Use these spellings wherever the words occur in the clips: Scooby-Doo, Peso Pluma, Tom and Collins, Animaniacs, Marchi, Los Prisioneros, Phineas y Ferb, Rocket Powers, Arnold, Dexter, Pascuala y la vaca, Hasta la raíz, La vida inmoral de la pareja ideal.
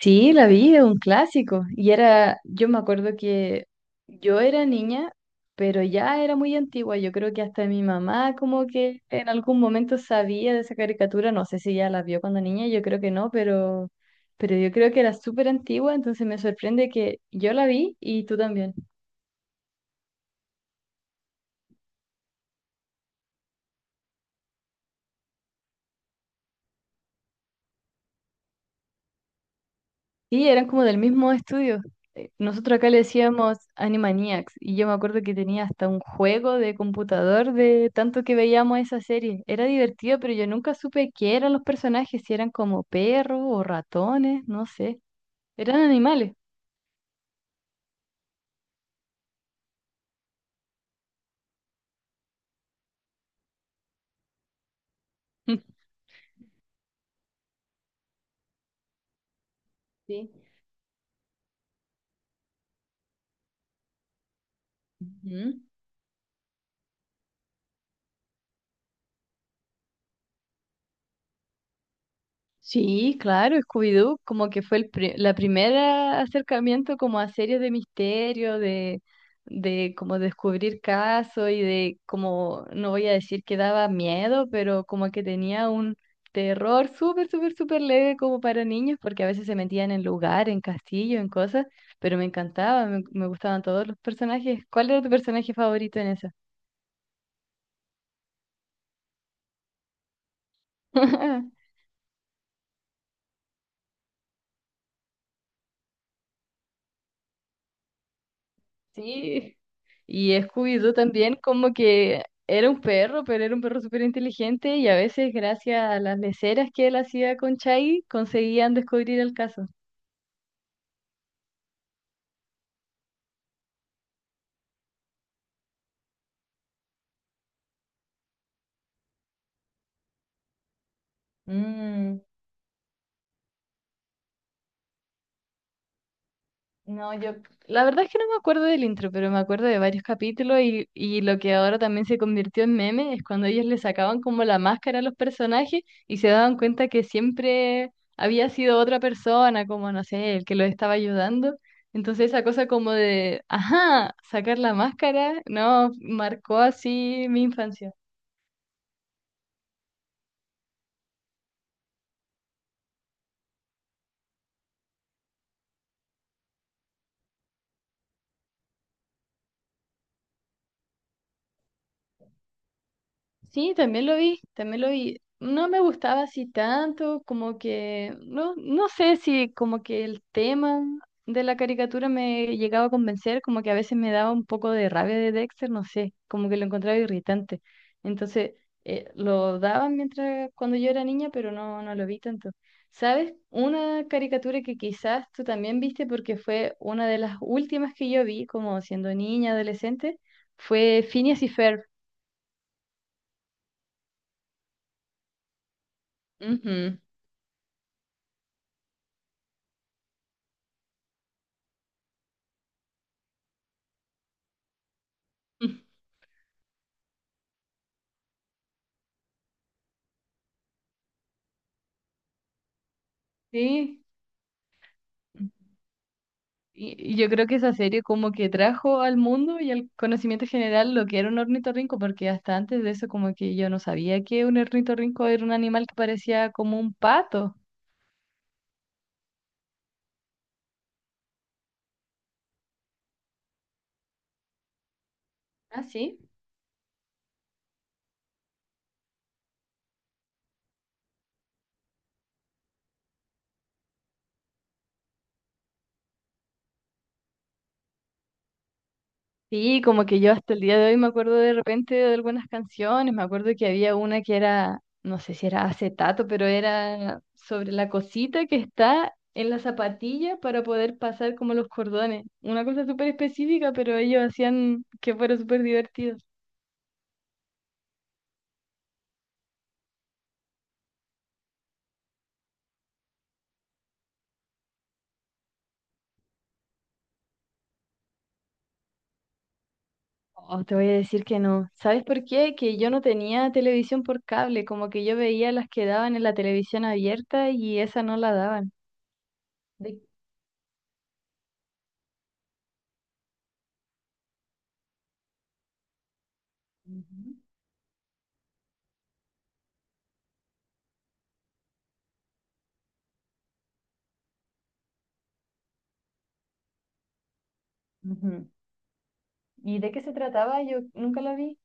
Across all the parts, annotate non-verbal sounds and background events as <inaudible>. Sí, la vi, es un clásico. Y era, yo me acuerdo que yo era niña, pero ya era muy antigua. Yo creo que hasta mi mamá como que en algún momento sabía de esa caricatura. No sé si ya la vio cuando niña, yo creo que no, pero yo creo que era súper antigua, entonces me sorprende que yo la vi y tú también. Sí, eran como del mismo estudio. Nosotros acá le decíamos Animaniacs y yo me acuerdo que tenía hasta un juego de computador de tanto que veíamos esa serie. Era divertido, pero yo nunca supe qué eran los personajes, si eran como perros o ratones, no sé. Eran animales. <laughs> Sí. Ujú. Sí, claro, Scooby-Doo como que fue la primera acercamiento como a series de misterio, de como descubrir casos y de como, no voy a decir que daba miedo, pero como que tenía un terror súper, súper, súper leve como para niños, porque a veces se metían en lugar, en castillo, en cosas, pero me encantaba, me gustaban todos los personajes. ¿Cuál era tu personaje favorito en esa? <laughs> Sí, y Scooby-Doo también como que era un perro, pero era un perro súper inteligente y a veces gracias a las leceras que él hacía con Chai conseguían descubrir el caso. Mm. No, yo, la verdad es que no me acuerdo del intro, pero me acuerdo de varios capítulos y lo que ahora también se convirtió en meme es cuando ellos le sacaban como la máscara a los personajes y se daban cuenta que siempre había sido otra persona, como no sé, el que los estaba ayudando. Entonces esa cosa como de, ajá, sacar la máscara, no, marcó así mi infancia. Sí, también lo vi, también lo vi. No me gustaba así tanto, como que, no, no sé si como que el tema de la caricatura me llegaba a convencer, como que a veces me daba un poco de rabia de Dexter, no sé, como que lo encontraba irritante. Entonces, lo daban mientras cuando yo era niña, pero no, no lo vi tanto. ¿Sabes? Una caricatura que quizás tú también viste porque fue una de las últimas que yo vi, como siendo niña, adolescente, fue Phineas y Ferb. Ujú. <laughs> Sí, y yo creo que esa serie como que trajo al mundo y al conocimiento general lo que era un ornitorrinco, porque hasta antes de eso como que yo no sabía que un ornitorrinco era un animal que parecía como un pato. Ah, sí. Sí, como que yo hasta el día de hoy me acuerdo de repente de algunas canciones, me acuerdo que había una que era, no sé si era acetato, pero era sobre la cosita que está en la zapatilla para poder pasar como los cordones. Una cosa súper específica, pero ellos hacían que fuera súper divertido. Oh, te voy a decir que no. ¿Sabes por qué? Que yo no tenía televisión por cable, como que yo veía las que daban en la televisión abierta y esa no la daban. De- Ujú. Ujú. ¿Y de qué se trataba? Yo nunca la vi.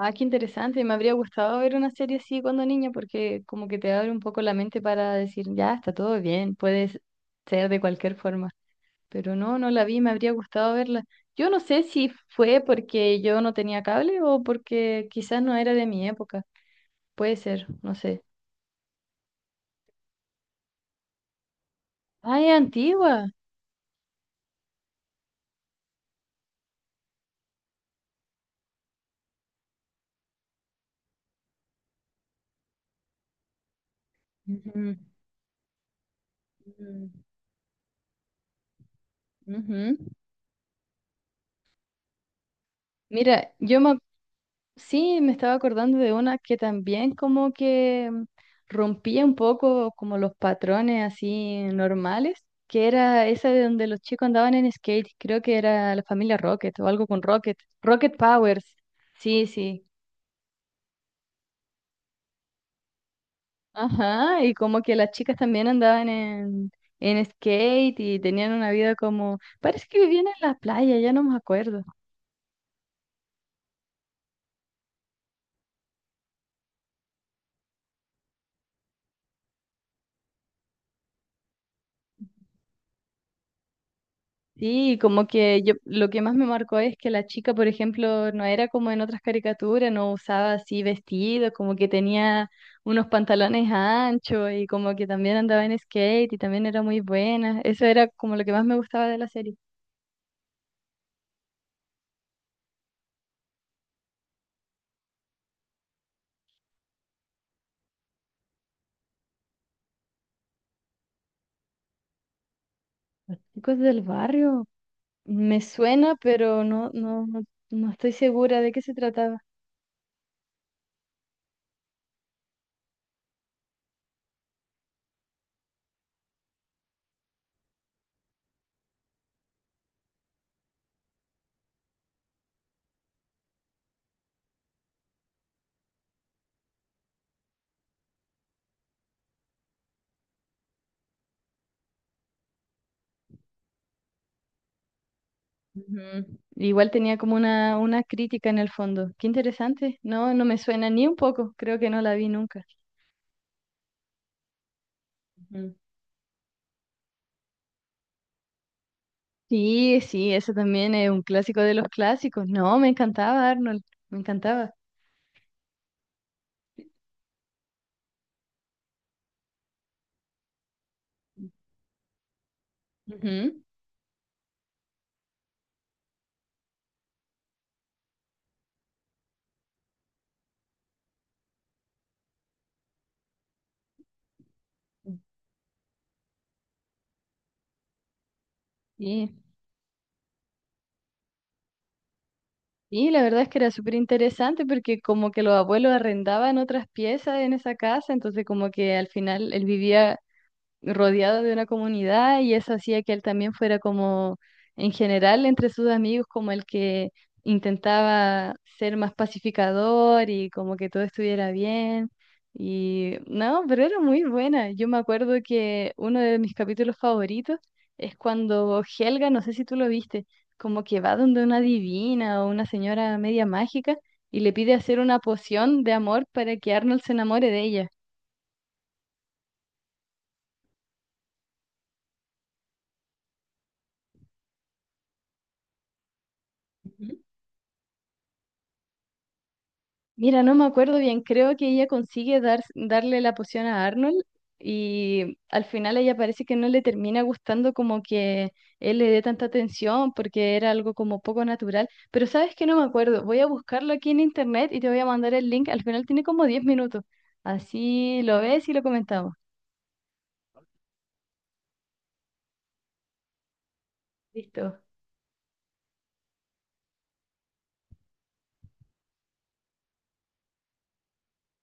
Ah, qué interesante. Me habría gustado ver una serie así cuando niña porque como que te abre un poco la mente para decir, ya, está todo bien, puedes ser de cualquier forma. Pero no, no la vi, me habría gustado verla. Yo no sé si fue porque yo no tenía cable o porque quizás no era de mi época. Puede ser, no sé. Ah, es antigua. Ujú. Mm, ujú. Mira, yo me, ac- Sí me estaba acordando de una que también como que rompía un poco como los patrones así normales, que era esa de donde los chicos andaban en skate, creo que era la familia Rocket o algo con Rocket, Rocket Powers, sí, sí, ajá, y como que las chicas también andaban en skate y tenían una vida como, parece que vivían en la playa, ya no me acuerdo. Sí, como que yo lo que más me marcó es que la chica, por ejemplo, no era como en otras caricaturas, no usaba así vestido, como que tenía unos pantalones anchos y como que también andaba en skate y también era muy buena. Eso era como lo que más me gustaba de la serie. Chicos del barrio, me suena, pero no, no, no estoy segura de qué se trataba. Ujú. Igual tenía como una crítica en el fondo. Qué interesante. No, no me suena ni un poco. Creo que no la vi nunca. Ujú. Sí, sí, eso también es un clásico de los clásicos. No, me encantaba Arnold, me encantaba. Ujú. Sí, sí, la verdad es que era súper interesante porque como que los abuelos arrendaban otras piezas en esa casa, entonces como que al final él vivía rodeado de una comunidad y eso hacía que él también fuera como, en general, entre sus amigos, como el que intentaba ser más pacificador y como que todo estuviera bien. Y no, pero era muy buena. Yo me acuerdo que uno de mis capítulos favoritos es cuando Helga, no sé si tú lo viste, como que va donde una divina o una señora media mágica y le pide hacer una poción de amor para que Arnold se enamore de ella. Mira, no me acuerdo bien, creo que ella consigue darle la poción a Arnold y al final ella parece que no le termina gustando como que él le dé tanta atención porque era algo como poco natural, pero sabes que no me acuerdo, voy a buscarlo aquí en internet y te voy a mandar el link, al final tiene como 10 minutos, así lo ves y lo comentamos. Listo.